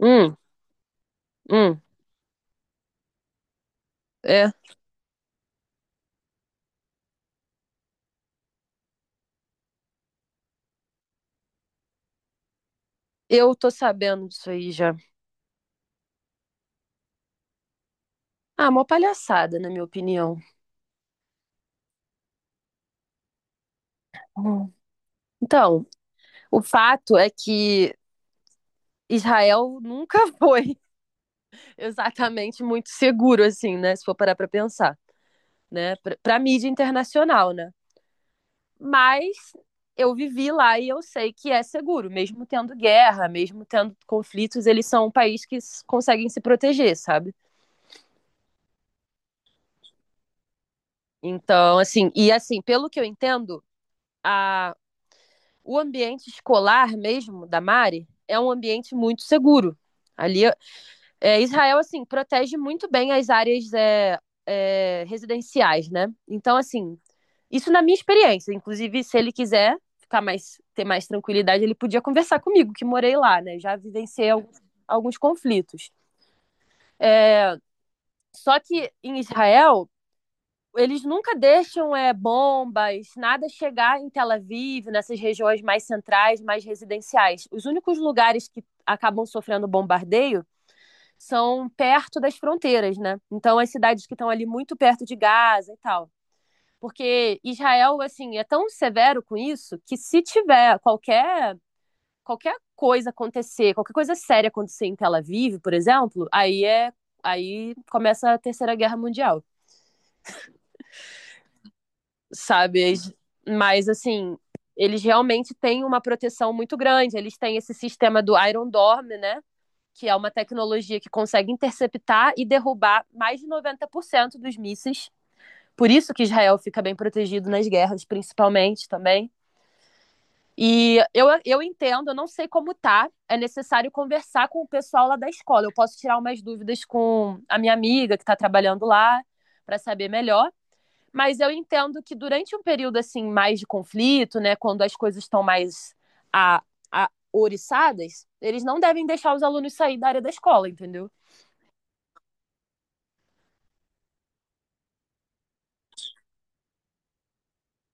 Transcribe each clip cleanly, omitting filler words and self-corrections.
Hum, hum, é. Eu tô sabendo disso aí já. Ah, uma palhaçada, na minha opinião. Hum. Então, o fato é que Israel nunca foi exatamente muito seguro, assim, né? Se for parar pra pensar, né? Pra mídia internacional, né? Mas eu vivi lá e eu sei que é seguro, mesmo tendo guerra, mesmo tendo conflitos, eles são um país que conseguem se proteger, sabe? Então, assim, e assim, pelo que eu entendo, a o ambiente escolar mesmo da Mari é um ambiente muito seguro. Ali, Israel, assim, protege muito bem as áreas residenciais, né? Então, assim, isso na minha experiência. Inclusive, se ele quiser ficar mais, ter mais tranquilidade, ele podia conversar comigo, que morei lá, né? Já vivenciei alguns conflitos. Só que em Israel, eles nunca deixam bombas, nada chegar em Tel Aviv, nessas regiões mais centrais, mais residenciais. Os únicos lugares que acabam sofrendo bombardeio são perto das fronteiras, né? Então, as cidades que estão ali muito perto de Gaza e tal. Porque Israel, assim, é tão severo com isso que se tiver qualquer coisa acontecer, qualquer coisa séria acontecer em Tel Aviv, por exemplo, aí começa a Terceira Guerra Mundial. Sabe? Mas assim, eles realmente têm uma proteção muito grande. Eles têm esse sistema do Iron Dome, né? Que é uma tecnologia que consegue interceptar e derrubar mais de 90% dos mísseis. Por isso que Israel fica bem protegido nas guerras, principalmente também. E eu entendo, eu não sei como tá. É necessário conversar com o pessoal lá da escola. Eu posso tirar umas dúvidas com a minha amiga que está trabalhando lá para saber melhor. Mas eu entendo que durante um período assim mais de conflito, né, quando as coisas estão mais a, a oriçadas, eles não devem deixar os alunos sair da área da escola, entendeu?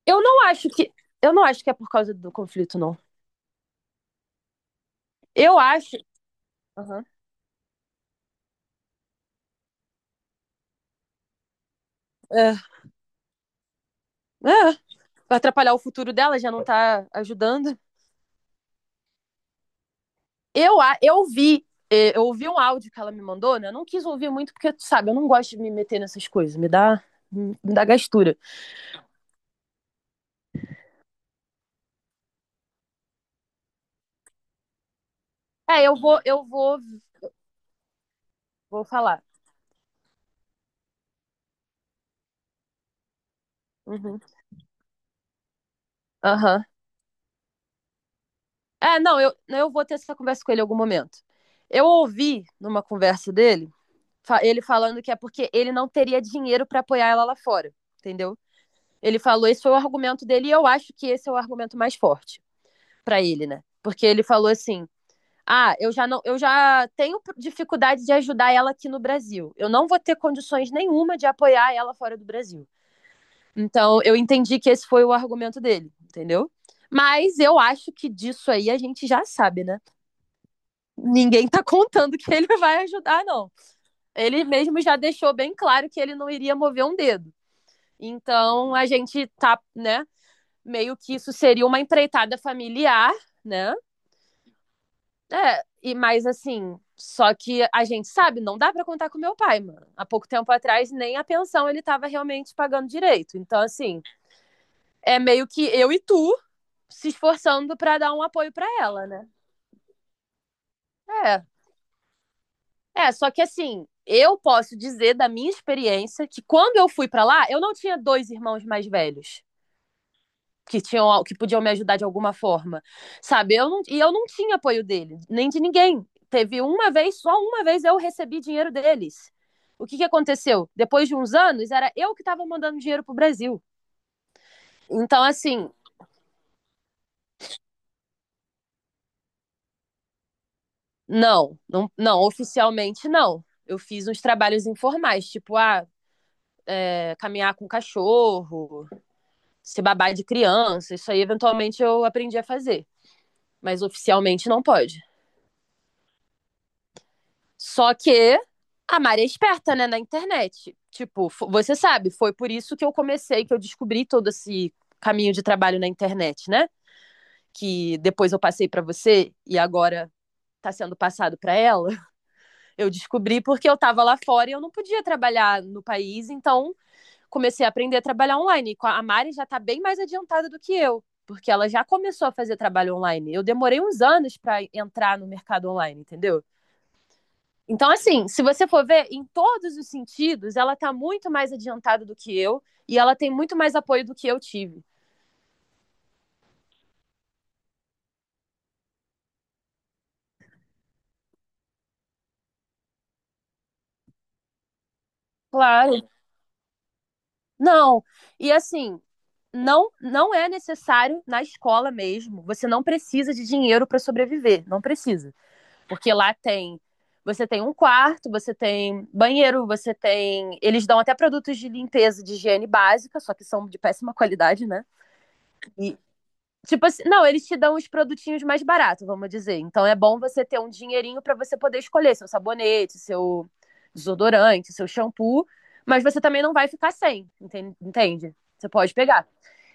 Eu não acho que eu não acho que é por causa do conflito, não. Eu acho. Uhum. É, é, vai atrapalhar o futuro dela, já não tá ajudando. Eu eu ouvi um áudio que ela me mandou, né? Eu não quis ouvir muito, porque, tu sabe, eu não gosto de me meter nessas coisas, me dá gastura. É, vou falar. Uhum. Aham. É, não, eu vou ter essa conversa com ele em algum momento. Eu ouvi numa conversa dele, ele falando que é porque ele não teria dinheiro pra apoiar ela lá fora, entendeu? Ele falou, esse foi o argumento dele e eu acho que esse é o argumento mais forte pra ele, né? Porque ele falou assim: "Ah, eu já não, eu já tenho dificuldade de ajudar ela aqui no Brasil. Eu não vou ter condições nenhuma de apoiar ela fora do Brasil". Então, eu entendi que esse foi o argumento dele, entendeu? Mas eu acho que disso aí a gente já sabe, né? Ninguém tá contando que ele vai ajudar, não. Ele mesmo já deixou bem claro que ele não iria mover um dedo. Então a gente tá, né? Meio que isso seria uma empreitada familiar, né? É, e mais assim, só que a gente sabe, não dá para contar com meu pai, mano. Há pouco tempo atrás, nem a pensão ele tava realmente pagando direito. Então, assim, é meio que eu e tu se esforçando para dar um apoio para ela, né? É, é, só que assim, eu posso dizer da minha experiência que quando eu fui pra lá, eu não tinha dois irmãos mais velhos que tinham que podiam me ajudar de alguma forma, sabe? Eu não, e eu não tinha apoio dele, nem de ninguém. Teve uma vez, só uma vez eu recebi dinheiro deles. O que, que aconteceu? Depois de uns anos, era eu que estava mandando dinheiro pro Brasil. Então, assim, não, não, não, oficialmente não. Eu fiz uns trabalhos informais, tipo, ah, caminhar com cachorro, se babar de criança, isso aí eventualmente eu aprendi a fazer. Mas oficialmente não pode. Só que a Mari é esperta, né, na internet. Tipo, você sabe, foi por isso que eu comecei, que eu descobri todo esse caminho de trabalho na internet, né? Que depois eu passei pra você e agora tá sendo passado pra ela. Eu descobri porque eu tava lá fora e eu não podia trabalhar no país, então comecei a aprender a trabalhar online. A Mari já está bem mais adiantada do que eu, porque ela já começou a fazer trabalho online. Eu demorei uns anos para entrar no mercado online, entendeu? Então, assim, se você for ver, em todos os sentidos, ela está muito mais adiantada do que eu e ela tem muito mais apoio do que eu tive. Claro. Não. E assim, não é necessário na escola mesmo. Você não precisa de dinheiro para sobreviver, não precisa. Porque lá tem. Você tem um quarto, você tem banheiro, você tem. Eles dão até produtos de limpeza, de higiene básica, só que são de péssima qualidade, né? E, tipo assim, não, eles te dão os produtinhos mais baratos, vamos dizer. Então é bom você ter um dinheirinho para você poder escolher seu sabonete, seu desodorante, seu shampoo, mas você também não vai ficar sem, entende? Você pode pegar.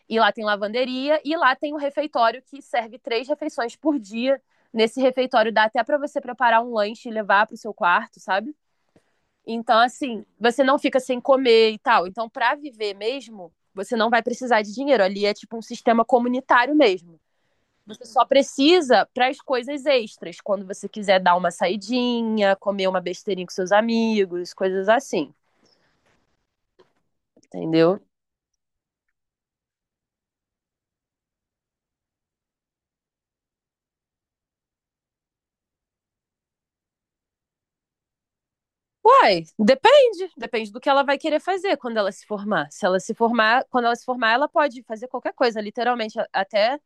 E lá tem lavanderia e lá tem um refeitório que serve três refeições por dia. Nesse refeitório dá até para você preparar um lanche e levar para o seu quarto, sabe? Então, assim, você não fica sem comer e tal. Então, para viver mesmo, você não vai precisar de dinheiro. Ali é tipo um sistema comunitário mesmo. Você só precisa para as coisas extras, quando você quiser dar uma saidinha, comer uma besteirinha com seus amigos, coisas assim, entendeu? Uai, depende. Depende do que ela vai querer fazer quando ela se formar. Se ela se formar, quando ela se formar, ela pode fazer qualquer coisa, literalmente. Até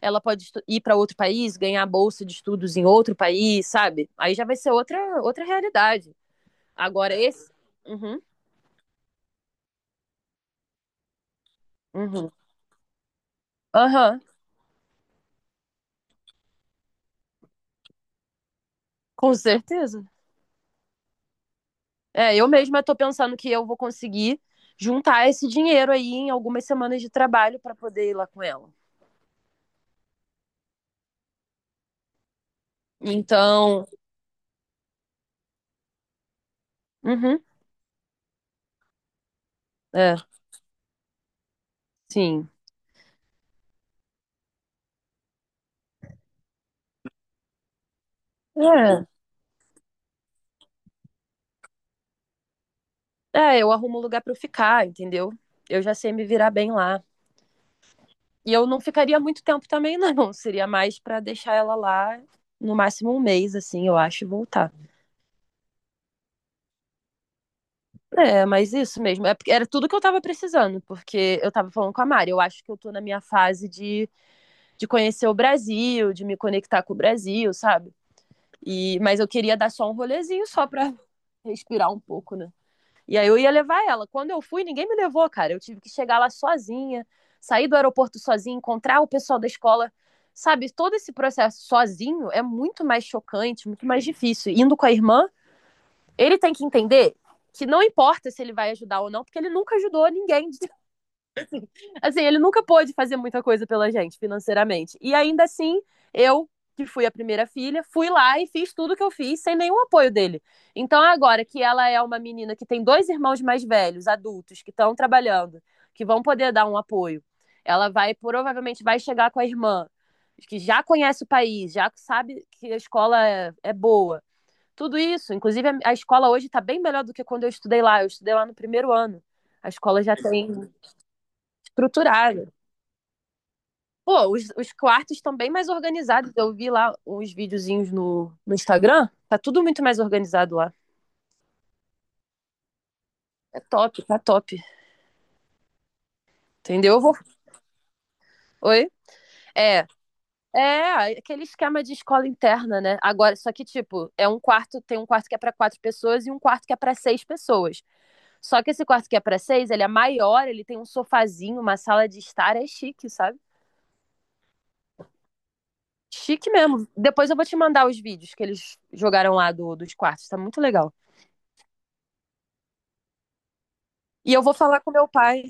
ela pode ir para outro país, ganhar bolsa de estudos em outro país, sabe? Aí já vai ser outra realidade. Agora, esse. Uhum, uhum. Aham, com certeza. É, eu mesma tô pensando que eu vou conseguir juntar esse dinheiro aí em algumas semanas de trabalho para poder ir lá com ela. Então. Uhum, é, sim. É. É, eu arrumo um lugar pra eu ficar, entendeu? Eu já sei me virar bem lá. E eu não ficaria muito tempo também, não. Seria mais pra deixar ela lá no máximo um mês, assim, eu acho, e voltar. É, mas isso mesmo. É porque era tudo que eu tava precisando, porque eu tava falando com a Mari. Eu acho que eu tô na minha fase de conhecer o Brasil, de me conectar com o Brasil, sabe? E, mas eu queria dar só um rolezinho só pra respirar um pouco, né? E aí eu ia levar ela. Quando eu fui, ninguém me levou, cara. Eu tive que chegar lá sozinha, sair do aeroporto sozinha, encontrar o pessoal da escola. Sabe, todo esse processo sozinho é muito mais chocante, muito mais difícil. Indo com a irmã, ele tem que entender que não importa se ele vai ajudar ou não, porque ele nunca ajudou ninguém de Assim, ele nunca pôde fazer muita coisa pela gente financeiramente. E ainda assim, eu, que fui a primeira filha, fui lá e fiz tudo que eu fiz sem nenhum apoio dele. Então, agora que ela é uma menina que tem dois irmãos mais velhos, adultos, que estão trabalhando, que vão poder dar um apoio, ela vai, provavelmente, vai chegar com a irmã, que já conhece o país, já sabe que a escola é boa. Tudo isso, inclusive a escola hoje está bem melhor do que quando eu estudei lá. Eu estudei lá no primeiro ano. A escola já tem estruturada. Pô, os quartos estão bem mais organizados. Eu vi lá uns videozinhos no Instagram. Tá tudo muito mais organizado lá. É top, tá top. Entendeu? Eu vou. Oi? É. É, aquele esquema de escola interna, né? Agora, só que, tipo, tem um quarto que é para quatro pessoas e um quarto que é para seis pessoas. Só que esse quarto que é para seis, ele é maior, ele tem um sofazinho, uma sala de estar, é chique, sabe? Chique mesmo. Depois eu vou te mandar os vídeos que eles jogaram lá dos quartos, tá muito legal. E eu vou falar com meu pai.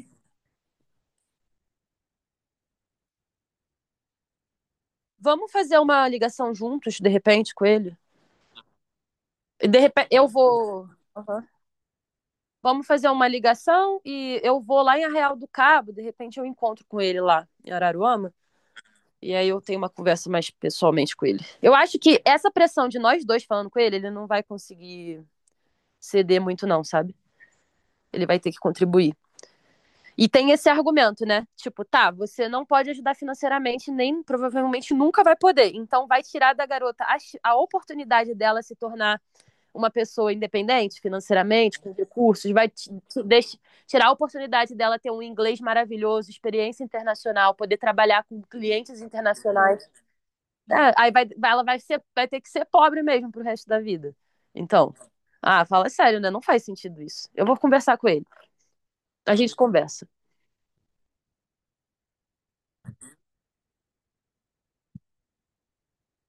Vamos fazer uma ligação juntos, de repente, com ele? De repente, eu vou. Aham. Vamos fazer uma ligação e eu vou lá em Arraial do Cabo, de repente eu encontro com ele lá em Araruama. E aí eu tenho uma conversa mais pessoalmente com ele. Eu acho que essa pressão de nós dois falando com ele, ele não vai conseguir ceder muito, não, sabe? Ele vai ter que contribuir. E tem esse argumento, né? Tipo, tá, você não pode ajudar financeiramente, nem provavelmente nunca vai poder. Então vai tirar da garota a oportunidade dela se tornar uma pessoa independente financeiramente, com recursos, vai tirar a oportunidade dela ter um inglês maravilhoso, experiência internacional, poder trabalhar com clientes internacionais. É, ela vai ter que ser pobre mesmo pro resto da vida. Então, ah, fala sério, né? Não faz sentido isso. Eu vou conversar com ele. A gente conversa.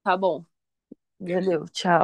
Tá bom. Valeu, tchau.